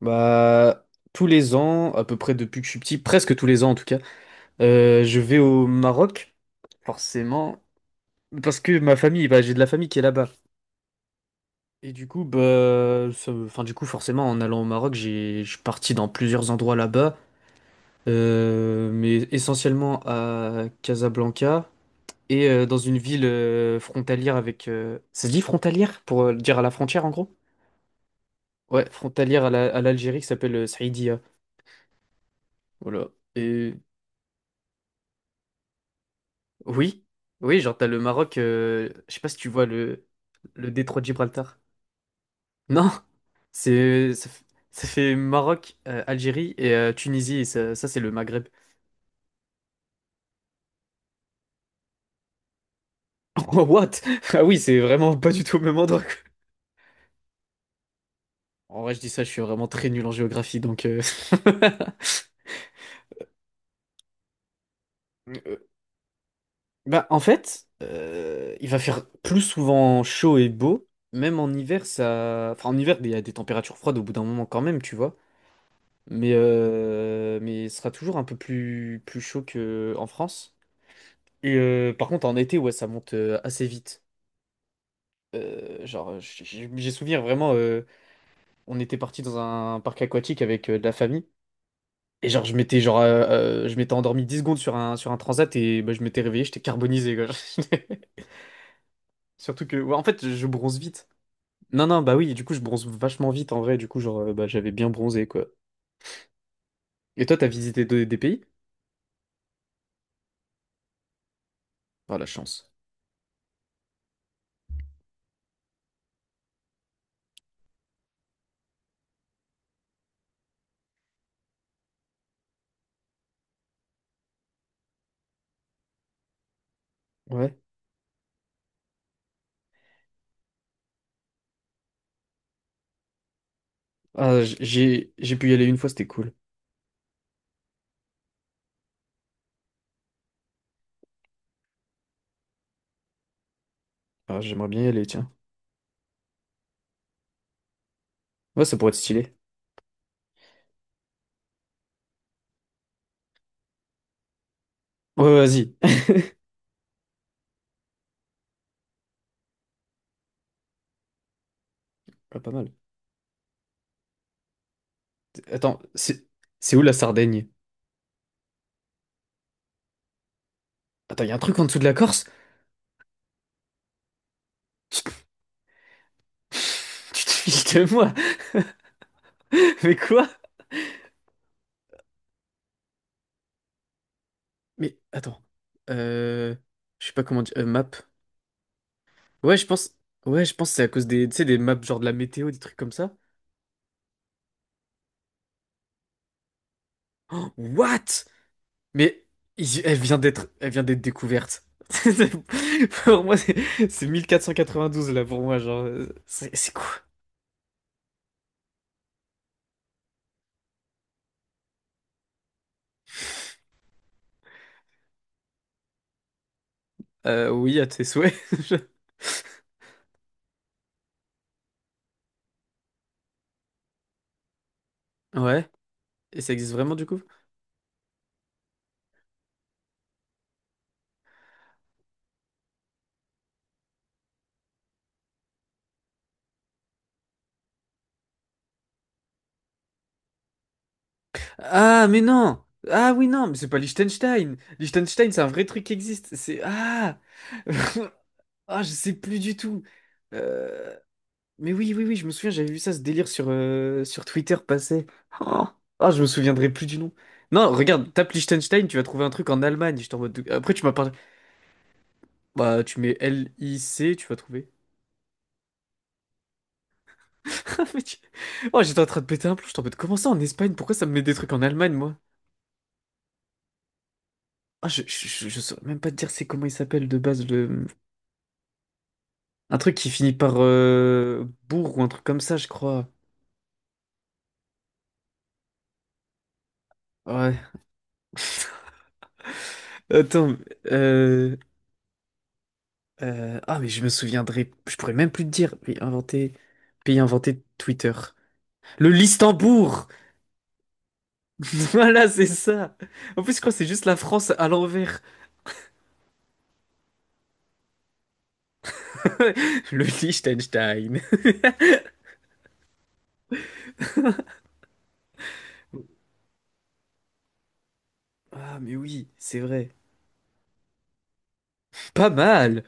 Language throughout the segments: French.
Bah, Tous les ans, à peu près depuis que je suis petit, presque tous les ans en tout cas, je vais au Maroc, forcément, parce que ma famille, j'ai de la famille qui est là-bas. Et du coup, du coup, forcément, en allant au Maroc, je suis parti dans plusieurs endroits là-bas, mais essentiellement à Casablanca et dans une ville frontalière avec, ça se dit frontalière pour dire à la frontière en gros? Ouais, frontalière à l'Algérie qui s'appelle Saïdia. Voilà. Et oui, oui, genre t'as le Maroc, je sais pas si tu vois le détroit de Gibraltar. Non, c'est ça, ça fait Maroc, Algérie et Tunisie, et ça, c'est le Maghreb. Oh, what? Ah oui, c'est vraiment pas du tout au même endroit, quoi. En vrai, je dis ça, je suis vraiment très nul en géographie, donc. Euh, Bah, en fait, il va faire plus souvent chaud et beau, même en hiver, ça... Enfin, en hiver, il y a des températures froides au bout d'un moment quand même, tu vois. Mais, mais ce sera toujours un peu plus chaud qu'en France. Et par contre, en été, ouais, ça monte assez vite. J'ai souvenir vraiment, on était parti dans un parc aquatique avec de la famille. Et genre, je m'étais endormi 10 secondes sur un transat et bah, je m'étais réveillé, j'étais carbonisé, quoi. Surtout que, ouais, en fait, je bronze vite. Non, non, bah oui, du coup, je bronze vachement vite en vrai. Du coup, genre, bah, j'avais bien bronzé, quoi. Et toi, t'as visité des pays? Ah, la chance. Ouais. Ah, j'ai pu y aller une fois, c'était cool. Ah, j'aimerais bien y aller, tiens. Ouais, ça pourrait être stylé. Ouais, ouais, vas-y. Ah, pas mal. Attends, c'est où la Sardaigne? Attends, il y a un truc en dessous de la Corse? Tu te tu te fiches de moi? Mais quoi? Mais attends. Euh... Je sais pas comment dire, map. Ouais, je pense. Ouais, je pense que c'est à cause des, tu sais, des maps genre de la météo, des trucs comme ça. What? Mais elle vient d'être découverte. Pour moi, c'est 12 là pour moi, genre. C'est quoi? Oui, à tes souhaits. Ouais. Et ça existe vraiment du coup? Ah, mais non! Ah oui, non, mais c'est pas Liechtenstein! Liechtenstein, c'est un vrai truc qui existe. C'est. Ah! Ah, je sais plus du tout. Euh, Mais oui, oui, oui, je me souviens, j'avais vu ça, ce délire sur, sur Twitter passer. Oh, ah, je me souviendrai plus du nom. Non, regarde, tape Liechtenstein, tu vas trouver un truc en Allemagne. J'étais en mode... Après, tu m'as parlé... Bah, tu mets LIC, tu vas trouver. Mais tu- Oh, j'étais en train de péter un plomb, j'étais en mode, comment ça en Espagne? Pourquoi ça me met des trucs en Allemagne, moi? Ah, je saurais même pas te dire c'est comment il s'appelle de base, le... Un truc qui finit par bourg ou un truc comme ça, je crois. Ouais. Attends, euh... ah, mais je me souviendrai. Je pourrais même plus te dire. Pays inventé. Pays inventé de Twitter. Le Listembourg! Voilà, c'est ça! En plus, je crois que c'est juste la France à l'envers. Le Liechtenstein. Ah, mais oui, c'est vrai. Pas mal!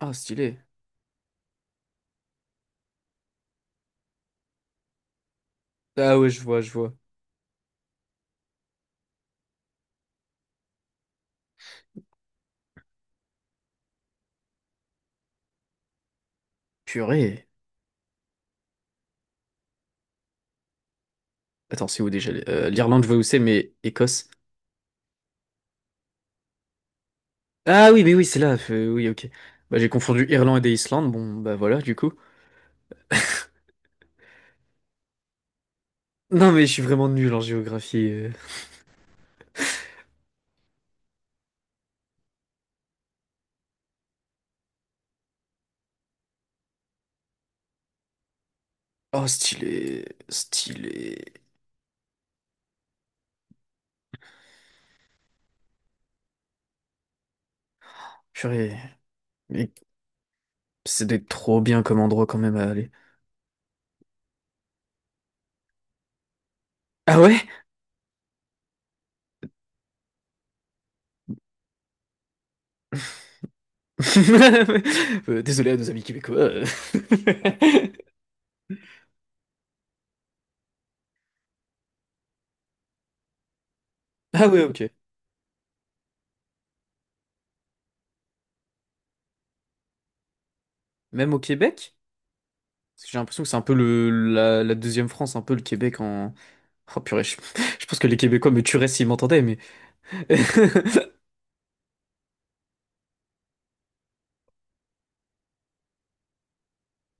Ah, stylé. Ah ouais, je vois, je vois. Purée. Attends, c'est où déjà? l'Irlande, je vois où c'est, mais Écosse. Ah oui, mais oui, c'est là. Oui, ok. Bah, j'ai confondu Irlande et Islande. Bon, bah voilà, du coup. Non, mais je suis vraiment nul en géographie. Oh, stylé, stylé. Purée, mais c'était trop bien comme endroit quand même à aller. Ah ouais? Désolé à nos amis québécois. Ah ouais, ok. Même au Québec? Parce que j'ai l'impression que c'est un peu la deuxième France, un peu le Québec en... Oh purée, je pense que les Québécois me tueraient s'ils m'entendaient, mais...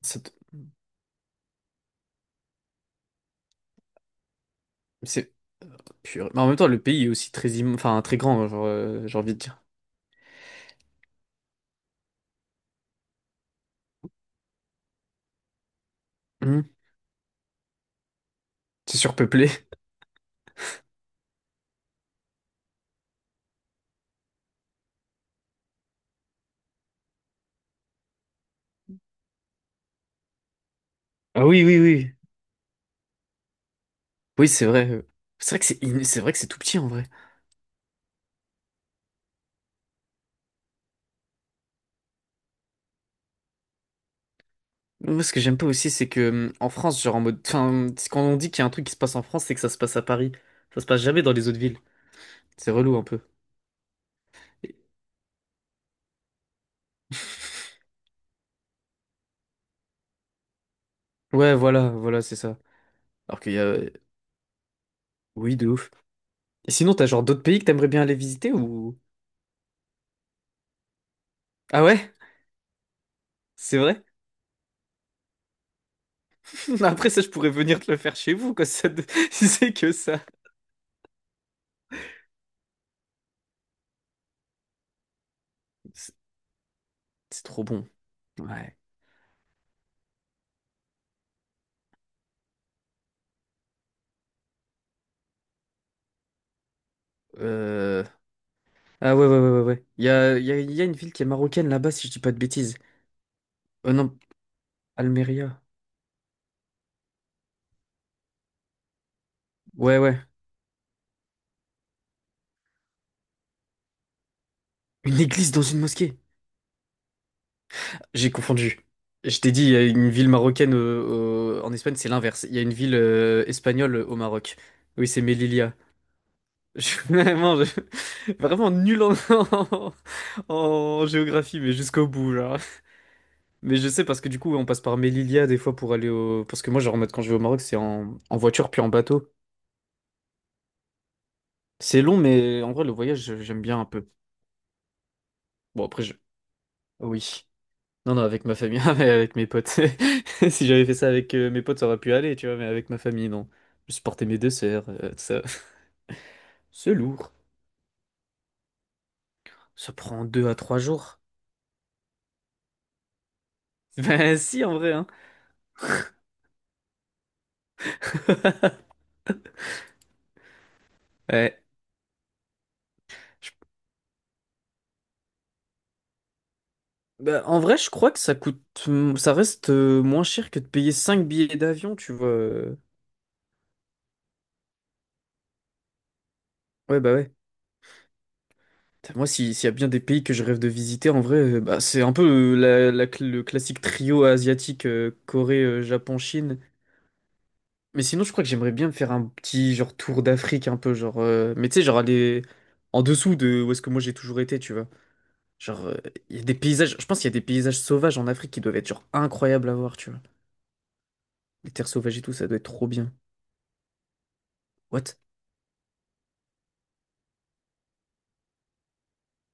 Ça te- C'est... Purée. Mais en même temps, le pays est aussi très grand, genre, j'ai envie de dire. Hmm. C'est surpeuplé. Ah oui, oui, oui. Oui, c'est vrai. C'est vrai c'est vrai que c'est tout petit en vrai. Moi, ce que j'aime pas aussi, c'est que en France, genre en mode, enfin, c'est quand on dit qu'il y a un truc qui se passe en France, c'est que ça se passe à Paris. Ça se passe jamais dans les autres villes. C'est relou un peu. Et- Ouais, voilà, voilà, c'est ça. Alors qu'il y a, oui, de ouf. Et sinon, t'as genre d'autres pays que t'aimerais bien aller visiter ou? Ah ouais? C'est vrai? Après ça, je pourrais venir te le faire chez vous, quoi. Ça, de- si c'est que ça. C'est c'est trop bon. Ouais. Euh... Ah ouais, ouais, ouais, ouais, ouais. Il y a, il y a il y a une ville qui est marocaine là-bas, si je dis pas de bêtises. Oh non, Almeria. Ouais, ouais. Une église dans une mosquée. J'ai confondu. Je t'ai dit, il y a une ville marocaine en Espagne, c'est l'inverse. Il y a une ville espagnole au Maroc. Oui, c'est Melilla. Je suis vraiment, je- vraiment nul en... en géographie, mais jusqu'au bout, là. Mais je sais parce que du coup, on passe par Melilla des fois pour aller au... Parce que moi, genre, en mode, quand je vais au Maroc, c'est en... en voiture puis en bateau. C'est long, mais en vrai, le voyage, j'aime bien un peu. Bon, après, je... Oui. Non, non, avec ma famille, ah, mais avec mes potes. Si j'avais fait ça avec mes potes, ça aurait pu aller, tu vois, mais avec ma famille, non. Je supportais mes deux sœurs, tout ça. C'est lourd. Ça prend 2 à 3 jours. Ben si, en vrai, hein. Ouais. Je- ben, en vrai, je crois que ça coûte... ça reste moins cher que de payer cinq billets d'avion, tu vois. Ouais, bah ouais. Putain, moi, si- s'il y a bien des pays que je rêve de visiter, en vrai, bah, c'est un peu le classique trio asiatique, Corée, Japon, Chine. Mais sinon, je crois que j'aimerais bien me faire un petit genre tour d'Afrique un peu, genre, mais tu sais, genre aller en dessous de où est-ce que moi j'ai toujours été, tu vois. Genre, il y a des paysages. Je pense qu'il y a des paysages sauvages en Afrique qui doivent être genre incroyables à voir, tu vois. Les terres sauvages et tout, ça doit être trop bien. What?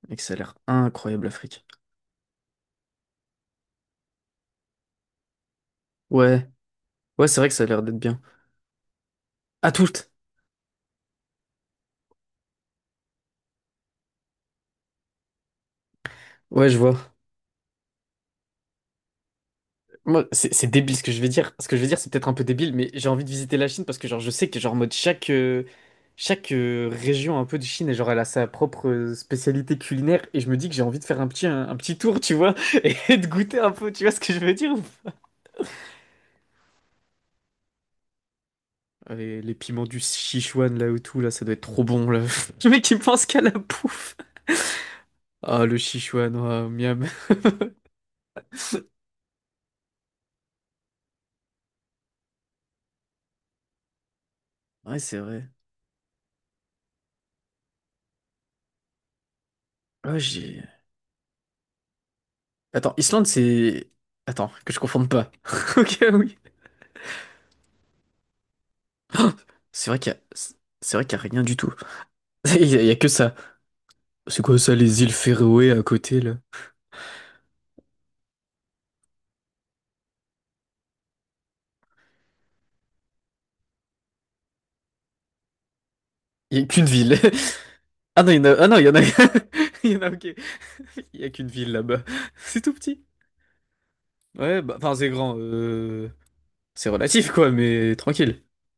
Mec, ça a l'air incroyable l'Afrique. Ouais, ouais, c'est vrai que ça a l'air d'être bien. À toutes. Ouais, je vois. Moi, c'est débile ce que je vais dire. Ce que je vais dire, c'est peut-être un peu débile, mais j'ai envie de visiter la Chine parce que genre je sais que genre en mode chaque région un peu de Chine et genre elle a sa propre spécialité culinaire et je me dis que j'ai envie de faire un petit un petit tour, tu vois, et de goûter un peu, tu vois ce que je veux dire? Ou pas. Les piments du Sichuan là ou tout là, ça doit être trop bon là. Le mec qui pense qu'à la bouffe. Ah le Sichuan, oh, miam. Ouais, c'est vrai. Ouais, j'ai. Attends, Islande, c'est. Attends, que je confonde pas. Ok, oui. C'est vrai qu'il y a... C'est vrai qu'il y a rien du tout. Il y a que ça. C'est quoi ça, les îles Féroé à côté, là? Il y a qu'une ville. Ah non, il y en a... Ah non, il y en a... Il y en a, ok. Il y a qu'une ville là-bas. C'est tout petit. Ouais, bah, enfin, c'est grand, c'est relatif, quoi, mais tranquille.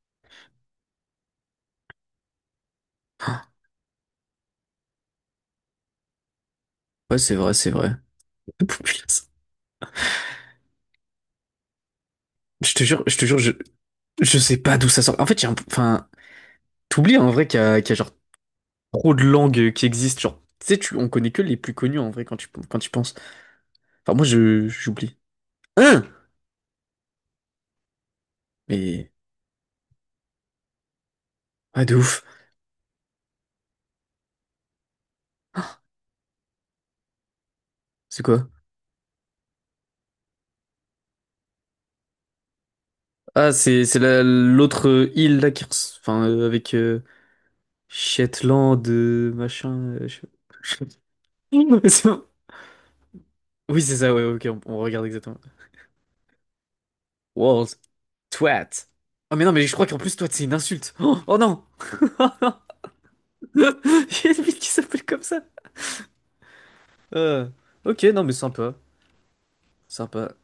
Ah, ouais, c'est vrai, c'est vrai. Putain, je te jure, je te jure, je sais pas d'où ça sort. En fait, j'ai un... Enfin, t'oublies, en vrai, qu'il y a genre trop de langues qui existent. Genre, tu sais, tu... on connaît que les plus connues, en vrai, quand tu penses. Enfin, moi, j'oublie. Hein. Mais ah de ouf. C'est quoi? Ah c'est la- l'autre île là qui res- enfin avec Shetland machin, C'est bon. Oui c'est ça ouais ok on regarde exactement. World twat. Ah mais non mais je crois qu'en plus twat c'est une insulte. Oh, oh non. Il y a une ville qui s'appelle comme ça. Euh, ok non mais sympa sympa.